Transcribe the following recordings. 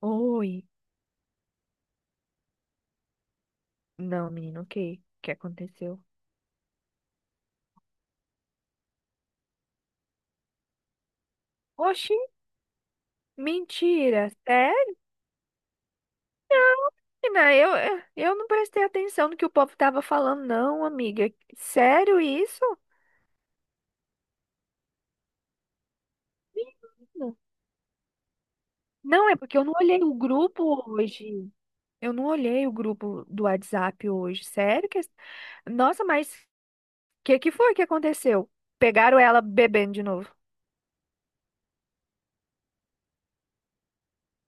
Oi. Não, menino, o que? O que aconteceu? Oxi, mentira. Sério, menina? Eu não prestei atenção no que o povo tava falando, não, amiga. Sério isso? Menina. Não, é porque eu não olhei o grupo hoje. Eu não olhei o grupo do WhatsApp hoje. Sério que... Nossa, mas o que que foi que aconteceu? Pegaram ela bebendo de novo.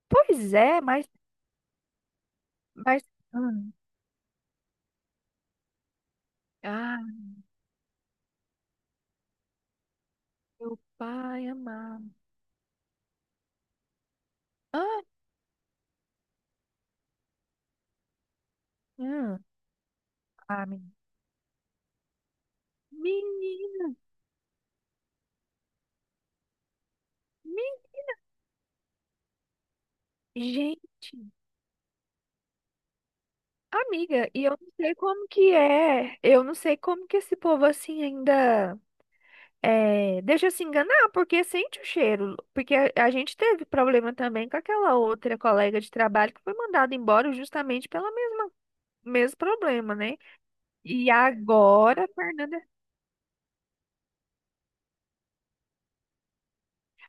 Pois é, mas, mas... hum. Ah, meu pai amado. Ah, hum. Ah, menina. Menina, men- gente, amiga, e eu não sei como que é, eu não sei como que esse povo assim ainda é, deixa se enganar, porque sente o cheiro, porque a gente teve problema também com aquela outra colega de trabalho que foi mandada embora justamente pelo mesmo problema, né? E agora, a Fernanda.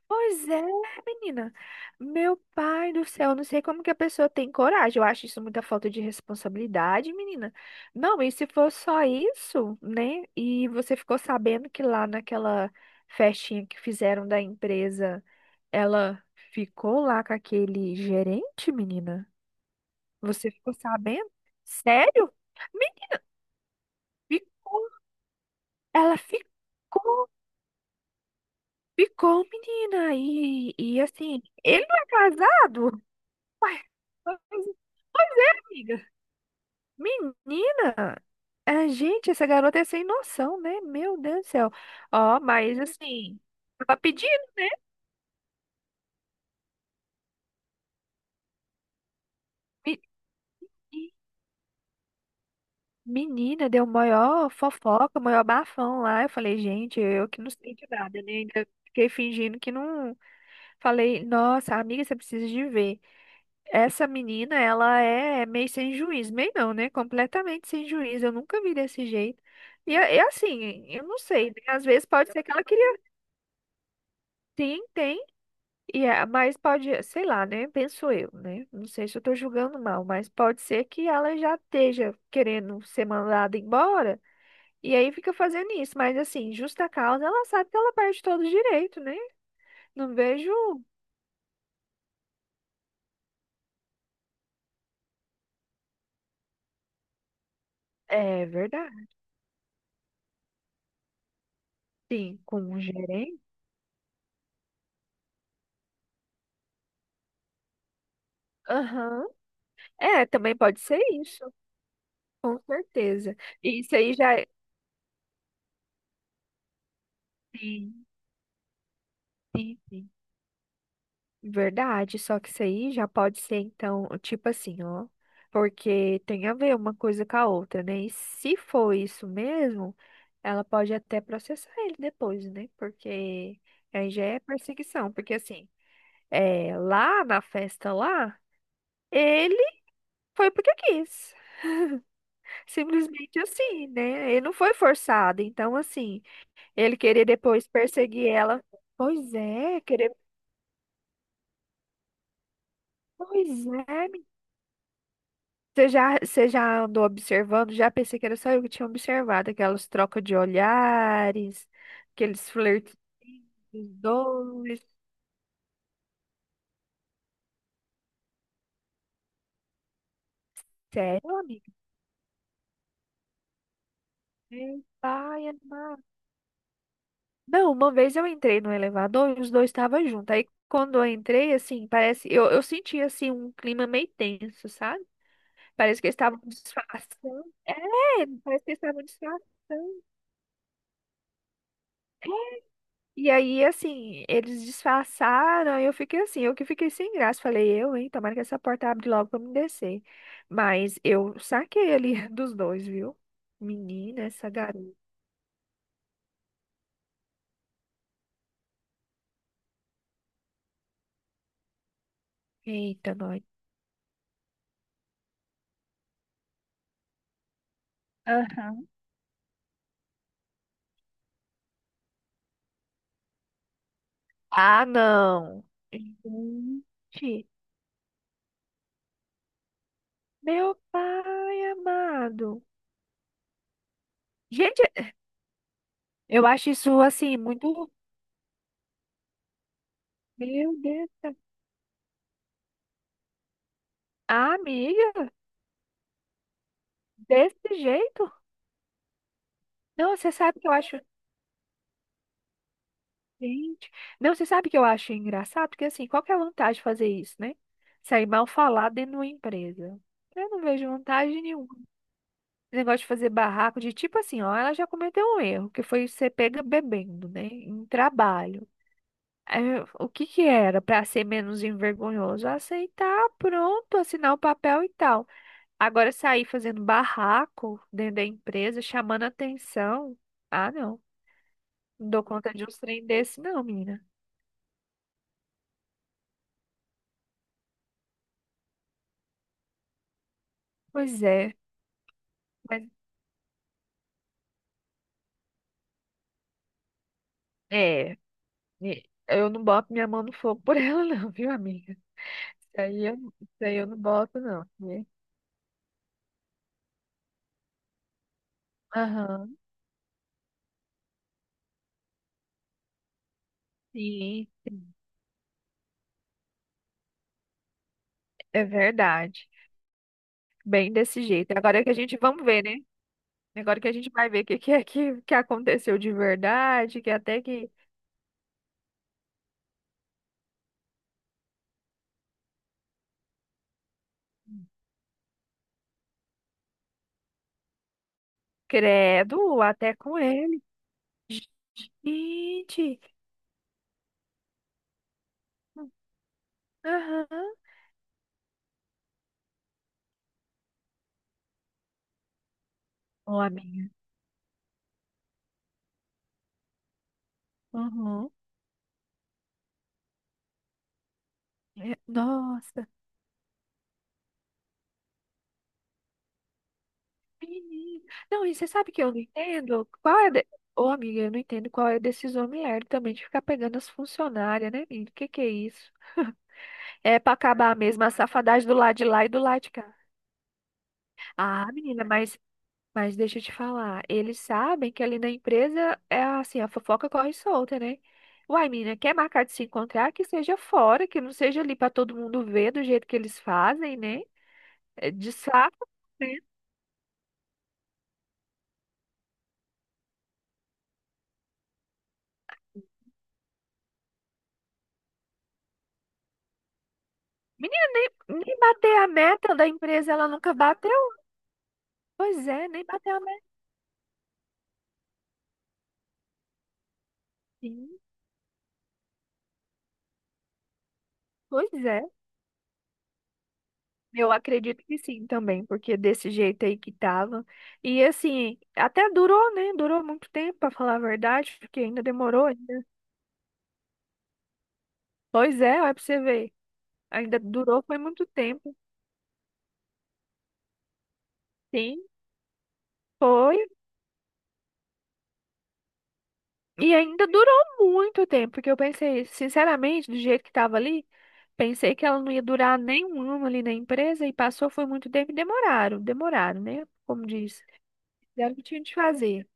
Pois é, menina. Meu pai do céu, eu não sei como que a pessoa tem coragem. Eu acho isso muita falta de responsabilidade, menina. Não, e se for só isso, né? E você ficou sabendo que lá naquela festinha que fizeram da empresa, ela ficou lá com aquele gerente, menina? Você ficou sabendo? Sério? Me ficou. Ela ficou, ficou, menina. E assim, ele não é casado? Uai, mas, amiga, menina, a gente, essa garota é sem noção, né? Meu Deus do céu. Ó, mas assim, tava pedindo, né? Me- Menina, deu maior fofoca, maior bafão lá. Eu falei, gente, eu que não sei de nada, né? Ainda fiquei fingindo que não. Falei, nossa, amiga, você precisa de ver. Essa menina, ela é meio sem juízo, meio não, né? Completamente sem juízo. Eu nunca vi desse jeito. E assim, eu não sei, né? Às vezes pode ser que ela queria. Sim, tem. E é, mas pode, sei lá, né? Penso eu, né? Não sei se eu tô julgando mal, mas pode ser que ela já esteja querendo ser mandada embora e aí fica fazendo isso. Mas assim, justa causa, ela sabe que ela perde todo o direito, né? Não vejo. É verdade. Sim, com um gerente. Aham. É, também pode ser isso, com certeza. E isso aí já é. Sim, sim, sim. Verdade, só que isso aí já pode ser, então, tipo assim, ó. Porque tem a ver uma coisa com a outra, né? E se for isso mesmo, ela pode até processar ele depois, né? Porque aí já é perseguição. Porque assim, é, lá na festa lá, ele foi porque quis. Simplesmente assim, né? Ele não foi forçado. Então, assim, ele querer depois perseguir ela. Pois é, querer. Pois é, você já, você já andou observando? Já pensei que era só eu que tinha observado aquelas trocas de olhares, aqueles flertes dois. Sério, amiga? Meu pai amado. Não, uma vez eu entrei no elevador e os dois estavam juntos. Aí quando eu entrei, assim, parece. Eu senti, assim, um clima meio tenso, sabe? Parece que eles estavam disfarçando. É, parece que eles estavam disfarçando. E aí, assim, eles disfarçaram, e eu fiquei assim, eu que fiquei sem graça. Falei, eu, hein, tomara que essa porta abre logo pra eu me descer. Mas eu saquei ali dos dois, viu? Menina, essa garota. Eita, nós. Aham. Ah, não. Gente, meu pai amado. Gente, eu acho isso assim muito. Meu Deus. Ah, amiga, desse jeito? Não, você sabe que eu acho. Gente. Não, você sabe que eu acho engraçado? Porque assim, qual que é a vantagem de fazer isso, né? Sair mal falado dentro de uma empresa. Eu não vejo vantagem nenhuma. Esse negócio de fazer barraco, de tipo assim, ó, ela já cometeu um erro, que foi você pega bebendo, né? Em trabalho. Aí, o que que era para ser menos envergonhoso? Aceitar, pronto, assinar o papel e tal. Agora sair fazendo barraco dentro da empresa, chamando atenção. Ah, não. Não dou conta de um trem desse, não, menina. Pois é. É, e eu não boto minha mão no fogo por ela, não, viu, amiga? Isso aí eu não boto, não, né? Aham, sim, sim, é verdade. Bem desse jeito. Agora que a gente, vamos ver, né? Agora que a gente vai ver o que, que é que aconteceu de verdade, que até que, credo, até com ele. Gente, aham, ó, amiga. Uhum. É, nossa. Menino. Não, e você sabe que eu não entendo? Qual é. De... Ô, amiga, eu não entendo qual é a decisão mulher também de ficar pegando as funcionárias, né, menino? O que que é isso? É pra acabar mesmo a safadagem do lado de lá e do lado de cá. Ah, menina, mas deixa eu te falar. Eles sabem que ali na empresa é assim, a fofoca corre solta, né? Uai, menina, quer marcar de se encontrar? Que seja fora, que não seja ali pra todo mundo ver do jeito que eles fazem, né? É de saco, né? Menina, nem bater a meta da empresa, ela nunca bateu. Pois é, nem bateu a metinha. Pois é, eu acredito que sim também, porque desse jeito aí que tava. E assim, até durou, né? Durou muito tempo, pra falar a verdade, porque ainda demorou ainda. Pois é, olha pra você ver. Ainda durou, foi muito tempo. Sim, foi. E ainda durou muito tempo, porque eu pensei, sinceramente, do jeito que tava ali, pensei que ela não ia durar nem 1 ano ali na empresa, e passou, foi muito tempo e demoraram, demoraram, né? Como diz. Fizeram o que tinha de fazer.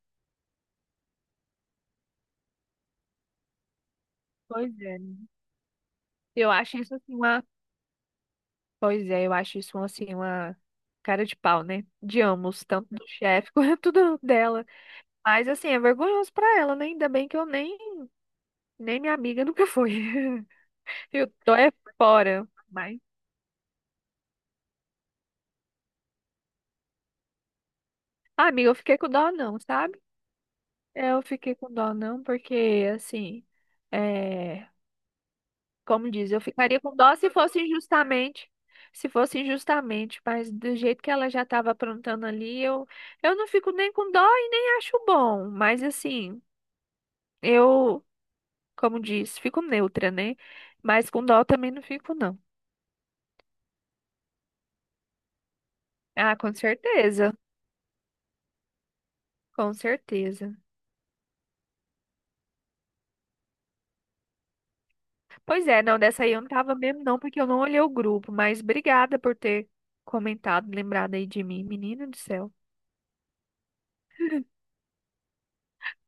Pois é. Eu acho isso assim uma. Pois é, eu acho isso assim uma cara de pau, né? De ambos, tanto do chefe quanto dela. Mas assim, é vergonhoso pra ela, né? Ainda bem que eu nem, nem minha amiga nunca foi. Eu tô é fora. Mas, ah, amiga, eu fiquei com dó não, sabe? É, eu fiquei com dó não, porque assim. eh, Como diz, eu ficaria com dó se fosse injustamente. Se fosse injustamente, mas do jeito que ela já estava aprontando ali, eu não fico nem com dó e nem acho bom. Mas assim, eu, como diz, fico neutra, né? Mas com dó também não fico, não. Ah, com certeza. Com certeza. Pois é, não, dessa aí eu não tava mesmo, não, porque eu não olhei o grupo, mas obrigada por ter comentado, lembrado aí de mim, menina do céu.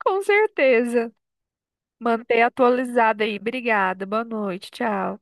Com certeza. Manter atualizado aí. Obrigada. Boa noite. Tchau.